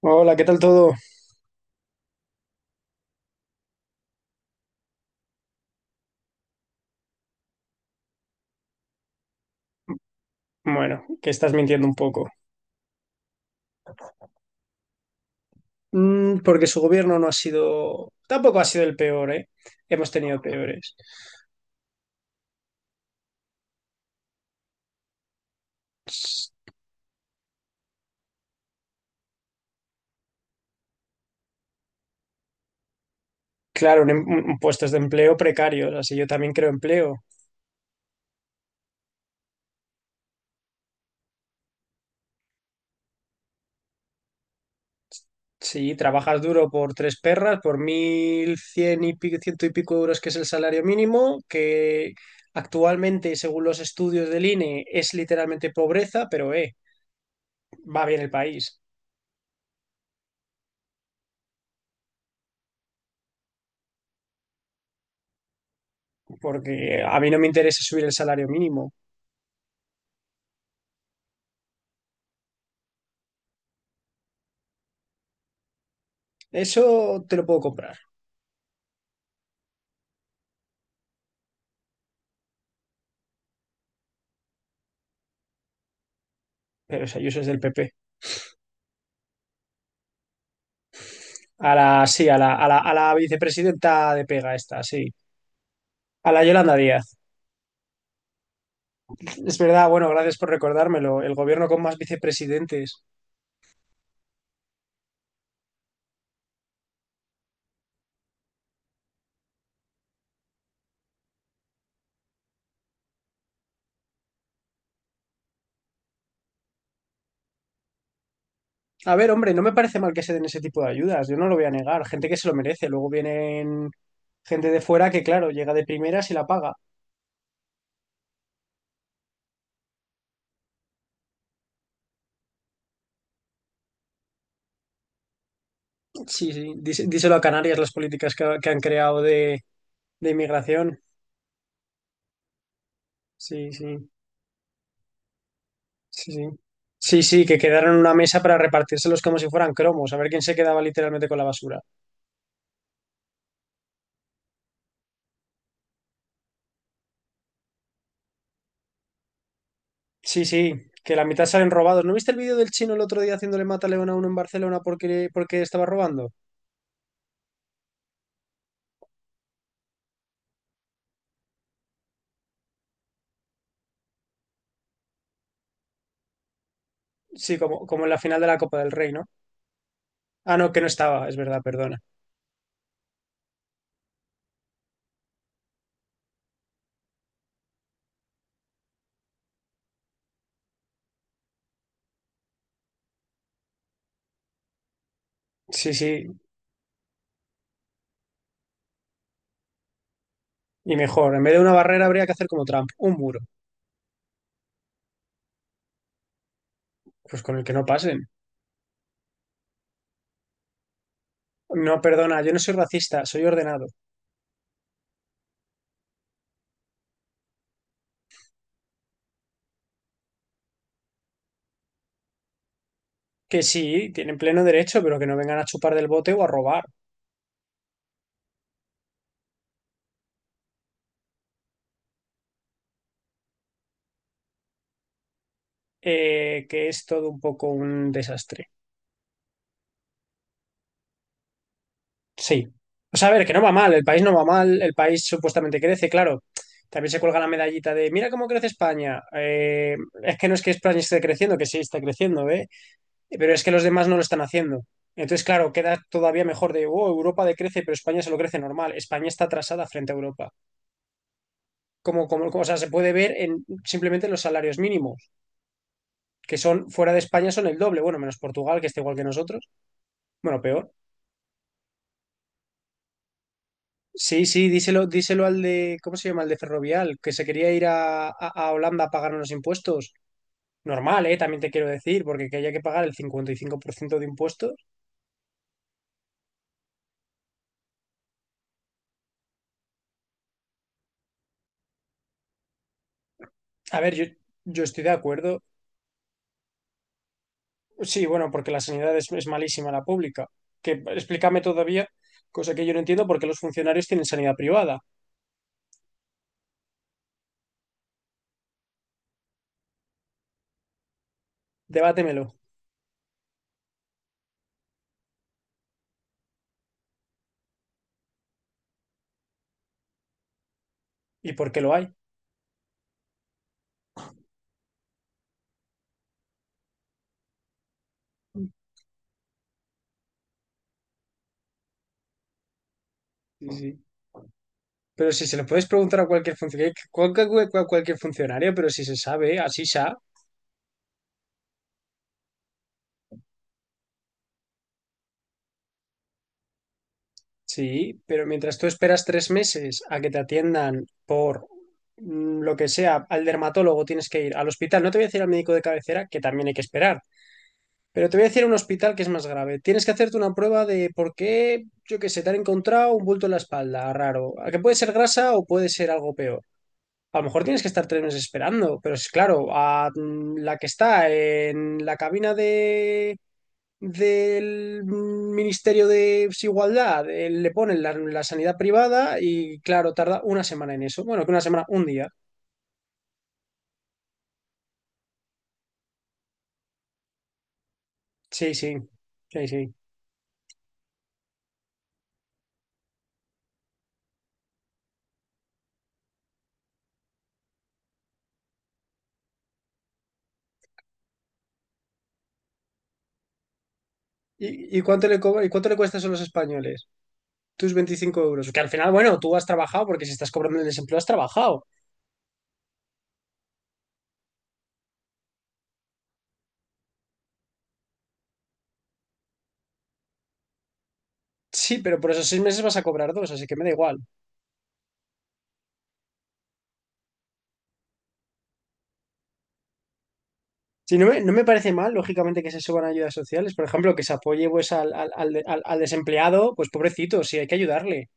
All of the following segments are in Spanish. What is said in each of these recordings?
Hola, ¿qué tal todo? Bueno, que estás mintiendo un poco. Porque su gobierno no ha sido, tampoco ha sido el peor, ¿eh? Hemos tenido peores. Claro, en puestos de empleo precarios, así yo también creo empleo. Si trabajas duro por tres perras, por mil cien y pico, ciento y pico euros, que es el salario mínimo, que actualmente, según los estudios del INE, es literalmente pobreza, pero va bien el país, porque a mí no me interesa subir el salario mínimo. Eso te lo puedo comprar. Pero esa Ayuso es del PP. Sí, a la vicepresidenta de pega esta, sí. A la Yolanda Díaz. Es verdad, bueno, gracias por recordármelo. El gobierno con más vicepresidentes. A ver, hombre, no me parece mal que se den ese tipo de ayudas. Yo no lo voy a negar. Gente que se lo merece. Luego vienen gente de fuera que, claro, llega de primeras y la paga. Sí, sí. Díselo a Canarias las políticas que han creado de inmigración. Sí, sí. Sí, sí. Sí, sí, que quedaron en una mesa para repartírselos como si fueran cromos. A ver quién se quedaba literalmente con la basura. Sí, sí, que la mitad salen robados. ¿No viste el vídeo del chino el otro día haciéndole mata a uno en Barcelona porque estaba robando? Sí, como en la final de la Copa del Rey, ¿no? Ah, no, que no estaba, es verdad, perdona. Sí, sí, y mejor, en vez de una barrera habría que hacer como Trump, un muro, pues con el que no pasen. No, perdona, yo no soy racista, soy ordenado. Que sí, tienen pleno derecho, pero que no vengan a chupar del bote o a robar. Que es todo un poco un desastre. Sí. O sea, a ver, que no va mal, el país no va mal, el país supuestamente crece, claro. También se cuelga la medallita de, mira cómo crece España. Es que no es que España esté creciendo, que sí está creciendo, ¿eh? Pero es que los demás no lo están haciendo. Entonces, claro, queda todavía mejor de, oh, Europa decrece, pero España se lo crece normal. España está atrasada frente a Europa. O sea, se puede ver en simplemente los salarios mínimos, que son fuera de España son el doble, bueno, menos Portugal, que está igual que nosotros, bueno, peor. Sí, sí, díselo al de, ¿cómo se llama? Al de Ferrovial, que se quería ir a Holanda a pagar unos impuestos. Normal, ¿eh? También te quiero decir, porque que haya que pagar el 55% de impuestos. A ver, yo estoy de acuerdo. Sí, bueno, porque la sanidad es malísima, la pública. Que explícame todavía, cosa que yo no entiendo, por qué los funcionarios tienen sanidad privada. Debátemelo. ¿Y por qué lo hay? Sí, sí. Pero si se lo puedes preguntar a cualquier funcionario, cualquier funcionario, pero si se sabe, así sea. Sí, pero mientras tú esperas 3 meses a que te atiendan por lo que sea, al dermatólogo tienes que ir al hospital. No te voy a decir al médico de cabecera, que también hay que esperar, pero te voy a decir a un hospital que es más grave. Tienes que hacerte una prueba de por qué, yo qué sé, te han encontrado un bulto en la espalda, raro. A que puede ser grasa o puede ser algo peor. A lo mejor tienes que estar 3 meses esperando, pero es claro, a la que está en la cabina de del Ministerio de Igualdad, le ponen la, sanidad privada y claro, tarda una semana en eso. Bueno, que una semana, un día. Sí, sí, sí, sí. ¿Y cuánto le cuesta eso a los españoles? Tus 25 euros. Que al final, bueno, tú has trabajado porque si estás cobrando el desempleo has trabajado. Sí, pero por esos 6 meses vas a cobrar dos, así que me da igual. Sí, no me parece mal, lógicamente, que se suban ayudas sociales. Por ejemplo, que se apoye pues, al desempleado, pues pobrecito, sí, hay que ayudarle.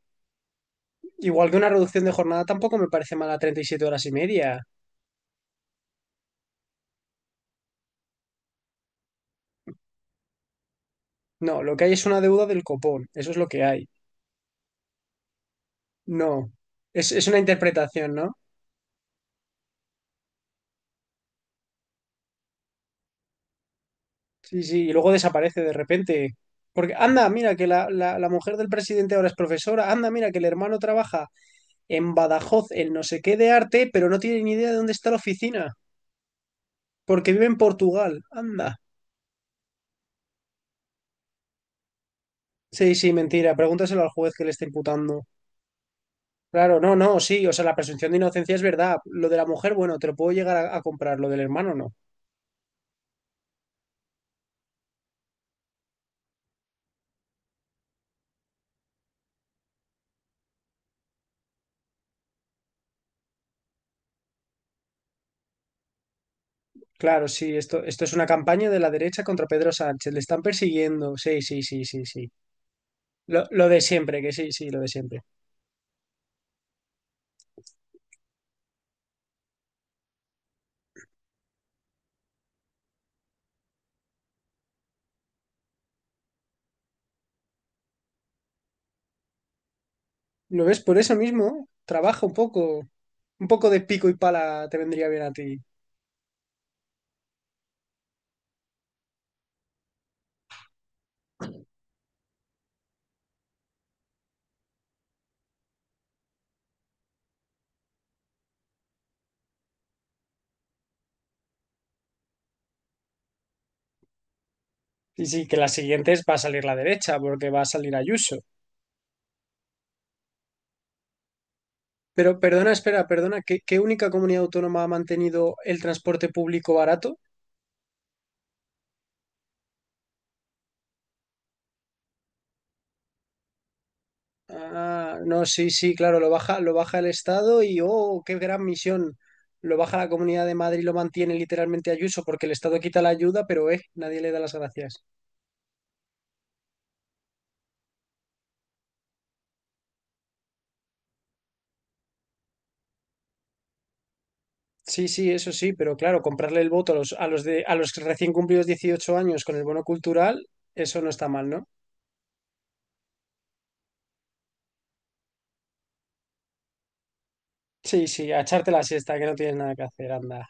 Igual que una reducción de jornada tampoco me parece mala 37 horas y media. No, lo que hay es una deuda del copón, eso es lo que hay. No, es una interpretación, ¿no? Sí, sí, y luego desaparece de repente. Porque anda, mira que la mujer del presidente ahora es profesora, anda, mira que el hermano trabaja en Badajoz, en no sé qué de arte, pero no tiene ni idea de dónde está la oficina, porque vive en Portugal, anda. Sí, sí, mentira, pregúntaselo al juez que le está imputando. Claro, no, no, sí, o sea, la presunción de inocencia es verdad. Lo de la mujer, bueno, te lo puedo llegar a comprar, lo del hermano no. Claro, sí, esto es una campaña de la derecha contra Pedro Sánchez, le están persiguiendo, sí, sí, sí, sí, sí. Lo de siempre, que sí, sí, lo de siempre. ¿Lo ves? Por eso mismo, trabaja un poco de pico y pala te vendría bien a ti. Y sí, que las siguientes va a salir la derecha, porque va a salir Ayuso. Pero perdona, espera, perdona, ¿qué única comunidad autónoma ha mantenido el transporte público barato? Ah, no, sí, sí, claro, lo baja el Estado y oh, qué gran misión. Lo baja la Comunidad de Madrid, lo mantiene literalmente Ayuso, porque el Estado quita la ayuda, pero nadie le da las gracias. Sí, sí, eso sí, pero claro, comprarle el voto a los recién cumplidos 18 años con el bono cultural, eso no está mal, ¿no? Sí, sí, a echarte la siesta, que no tienes nada que hacer, anda.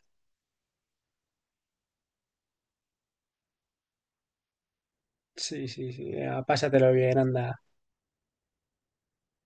Sí, sí, sí, a pásatelo bien, anda.